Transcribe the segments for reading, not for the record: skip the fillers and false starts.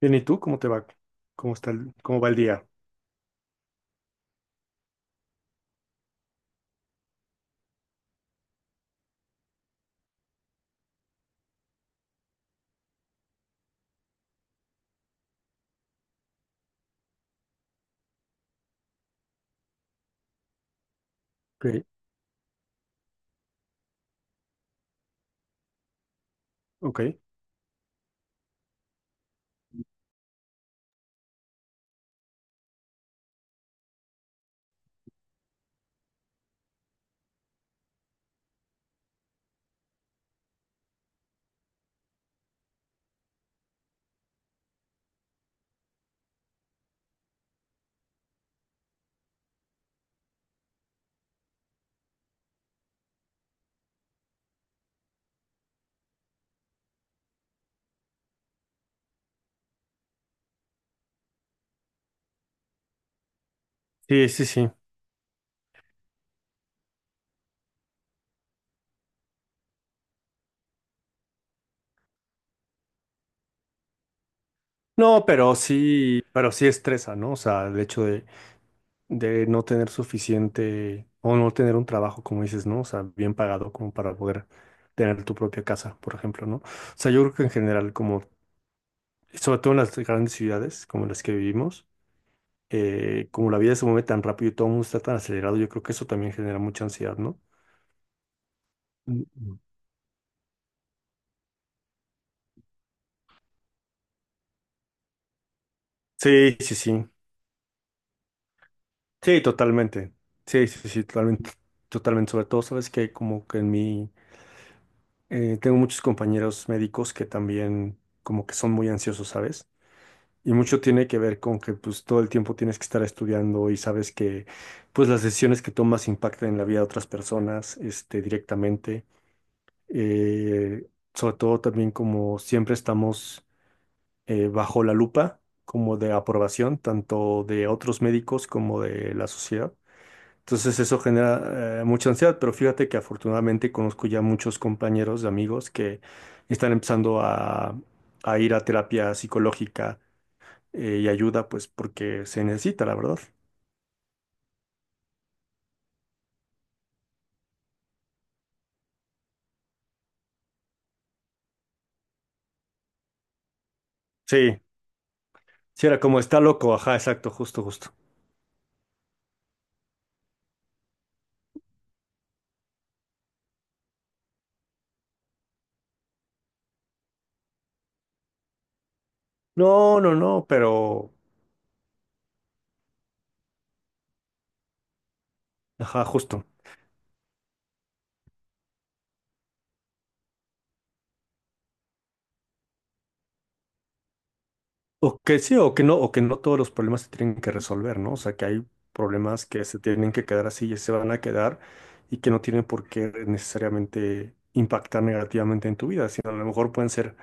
Bien, ¿y tú cómo te va? ¿Cómo está cómo va el día? Ok, ok. Sí, sí, sí. No, pero sí estresa, ¿no? O sea, el hecho de no tener suficiente o no tener un trabajo, como dices, ¿no? O sea, bien pagado como para poder tener tu propia casa, por ejemplo, ¿no? O sea, yo creo que en general, como, sobre todo en las grandes ciudades como las que vivimos, como la vida se mueve tan rápido y todo el mundo está tan acelerado, yo creo que eso también genera mucha ansiedad, ¿no? Mm, mm. Sí, sí, sí. Sí, totalmente. Sí, sí, sí, totalmente. Totalmente. Sobre todo, sabes que como que en mí tengo muchos compañeros médicos que también como que son muy ansiosos, ¿sabes? Y mucho tiene que ver con que pues todo el tiempo tienes que estar estudiando y sabes que pues las decisiones que tomas impactan en la vida de otras personas este, directamente. Eh, sobre todo también como siempre estamos bajo la lupa como de aprobación tanto de otros médicos como de la sociedad. Entonces eso genera mucha ansiedad, pero fíjate que afortunadamente conozco ya muchos compañeros, amigos que están empezando a ir a terapia psicológica y ayuda, pues porque se necesita, la verdad. Sí, sí era como está loco, ajá, exacto, justo, justo. No, no, no, pero, ajá, justo. O que sí, o que no todos los problemas se tienen que resolver, ¿no? O sea, que hay problemas que se tienen que quedar así y se van a quedar y que no tienen por qué necesariamente impactar negativamente en tu vida, sino a lo mejor pueden ser,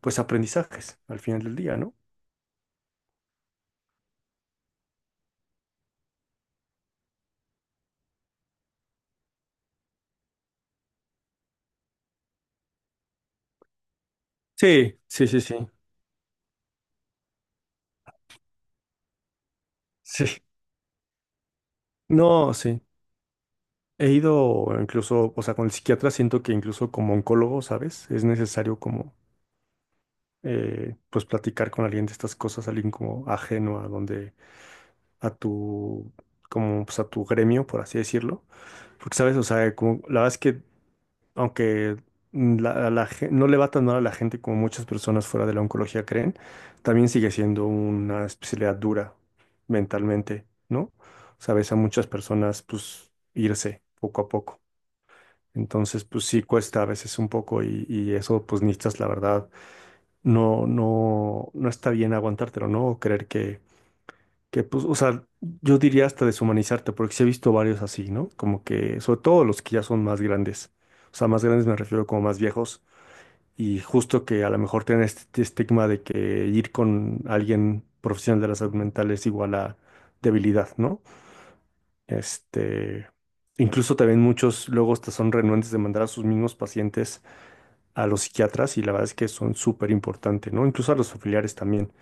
pues, aprendizajes al final del día, ¿no? Sí, sí, sí, sí. Sí. No, sí. He ido incluso, o sea, con el psiquiatra siento que incluso como oncólogo, ¿sabes? Es necesario como, pues, platicar con alguien de estas cosas, alguien como ajeno a donde a tu, como pues a tu gremio, por así decirlo. Porque, ¿sabes? O sea, como, la verdad es que, aunque mm, la, a la gen- no le va tan mal a la gente como muchas personas fuera de la oncología creen, también sigue siendo una especialidad dura mentalmente, ¿no? Sabes, a muchas personas, pues, irse poco a poco. Entonces, pues sí cuesta a veces un poco y eso, pues, necesitas, la verdad, no, no, no está bien aguantártelo, ¿no? O creer que pues, o sea, yo diría hasta deshumanizarte, porque sí he visto varios así, ¿no? Como que, sobre todo los que ya son más grandes, o sea, más grandes me refiero como más viejos, y justo que a lo mejor tienen este estigma de que ir con alguien profesional de la salud mental es igual a debilidad, ¿no? Este, incluso también muchos luego hasta son renuentes de mandar a sus mismos pacientes a los psiquiatras, y la verdad es que son súper importantes, ¿no? Incluso a los familiares también.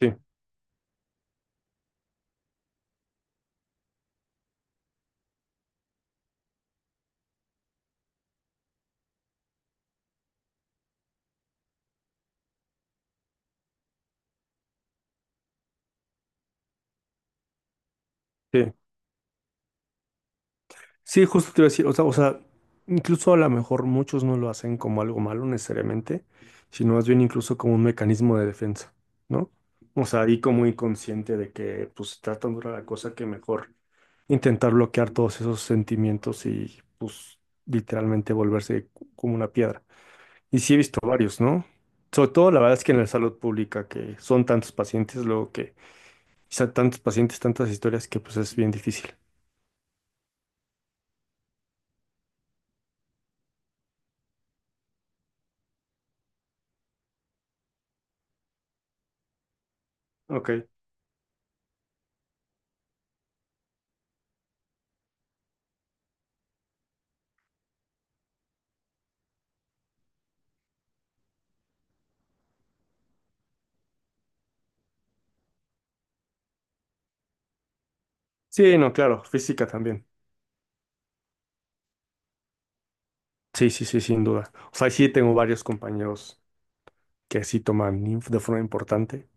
Sí, sí. Sí, justo te iba a decir, o sea, incluso a lo mejor muchos no lo hacen como algo malo necesariamente, sino más bien incluso como un mecanismo de defensa, ¿no? O sea, ahí como inconsciente de que pues está tan dura la cosa que mejor intentar bloquear todos esos sentimientos y pues literalmente volverse como una piedra. Y sí he visto varios, ¿no? Sobre todo la verdad es que en la salud pública, que son tantos pacientes, luego que quizá tantos pacientes, tantas historias que pues es bien difícil. Ok. Sí, no, claro, física también. Sí, sí, sí, sin duda. O sea, sí tengo varios compañeros que sí toman de forma importante.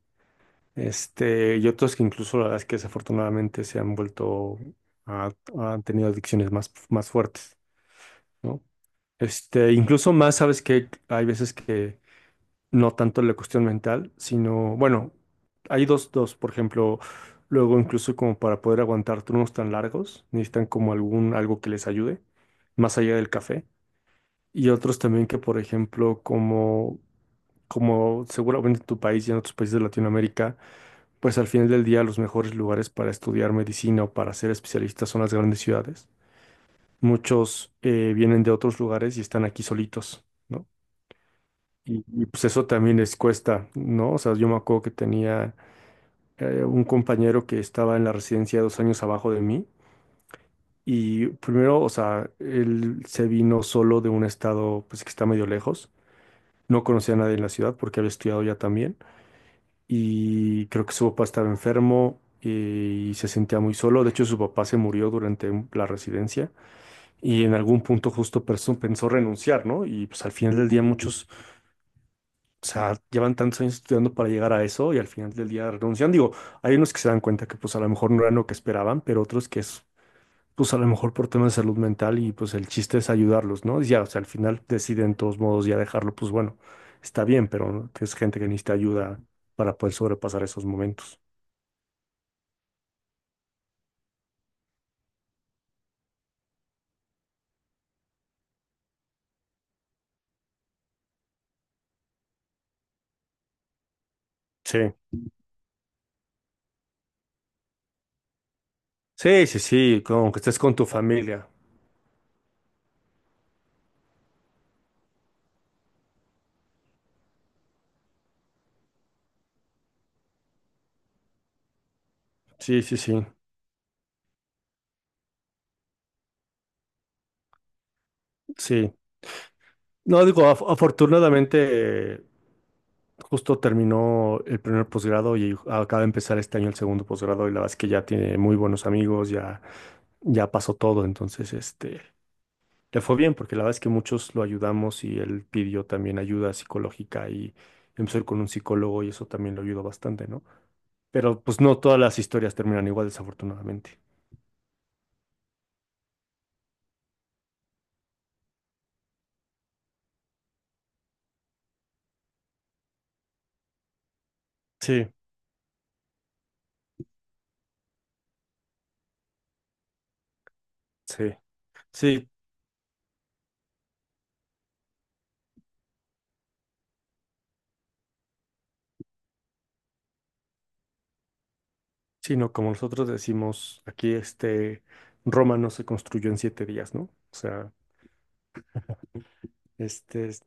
Este, y otros que incluso la verdad es que desafortunadamente se han vuelto, a- han tenido adicciones más, más fuertes, ¿no? Este, incluso más, sabes que hay veces que no tanto la cuestión mental, sino, bueno, hay dos, dos, por ejemplo, luego incluso como para poder aguantar turnos tan largos, necesitan como algún, algo que les ayude, más allá del café. Y otros también que, por ejemplo, como, como seguramente en tu país y en otros países de Latinoamérica, pues al final del día los mejores lugares para estudiar medicina o para ser especialistas son las grandes ciudades. Muchos vienen de otros lugares y están aquí solitos, ¿no? Y, pues eso también les cuesta, ¿no? O sea, yo me acuerdo que tenía un compañero que estaba en la residencia 2 años abajo de mí. Y primero, o sea, él se vino solo de un estado pues que está medio lejos. No conocía a nadie en la ciudad porque había estudiado ya también y creo que su papá estaba enfermo y se sentía muy solo. De hecho, su papá se murió durante la residencia y en algún punto justo pensó renunciar, ¿no? Y pues al final del día muchos, o sea, llevan tantos años estudiando para llegar a eso y al final del día renuncian. Digo, hay unos que se dan cuenta que pues a lo mejor no eran lo que esperaban, pero otros que es pues a lo mejor por temas de salud mental y pues el chiste es ayudarlos, ¿no? Y ya, o sea, al final deciden de todos modos ya dejarlo, pues bueno, está bien, pero no, es gente que necesita ayuda para poder sobrepasar esos momentos. Sí, sí, sí, sí, como que estés con tu familia. Sí, sí, sí, sí. No, digo, afortunadamente, justo terminó el primer posgrado y acaba de empezar este año el segundo posgrado y la verdad es que ya tiene muy buenos amigos, ya, ya pasó todo, entonces, este... Le fue bien porque la verdad es que muchos lo ayudamos y él pidió también ayuda psicológica y empezó a ir con un psicólogo y eso también lo ayudó bastante, ¿no? Pero pues no todas las historias terminan igual, desafortunadamente. Sí, sí, sí, sí, no, como nosotros decimos aquí, este, Roma no se construyó en 7 días, ¿no? O sea, este,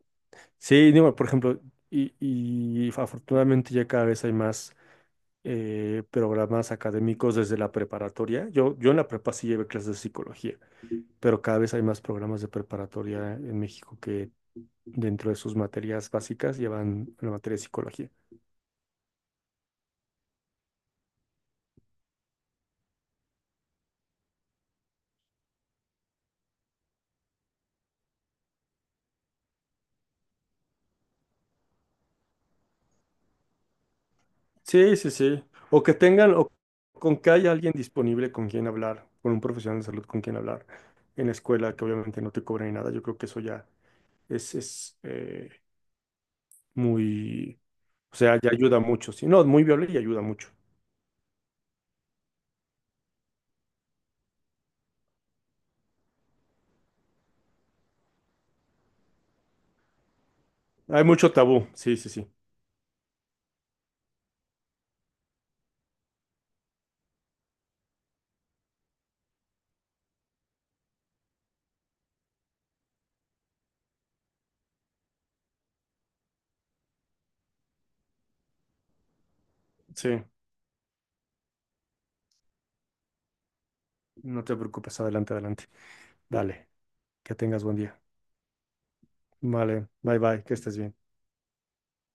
sí, digo, por ejemplo, y afortunadamente ya cada vez hay más programas académicos desde la preparatoria. Yo en la prepa sí llevé clases de psicología pero cada vez hay más programas de preparatoria en México que dentro de sus materias básicas llevan la materia de psicología. Sí, sí, sí. O que tengan, o con que haya alguien disponible con quien hablar, con un profesional de salud con quien hablar en la escuela, que obviamente no te cobra ni nada. Yo creo que eso ya es muy, o sea, ya ayuda mucho. Sí, no, muy viable y ayuda mucho. Hay mucho tabú. Sí, sí, sí. Sí, no te preocupes. Adelante, adelante. Dale, que tengas buen día. Vale, bye bye, que estés bien.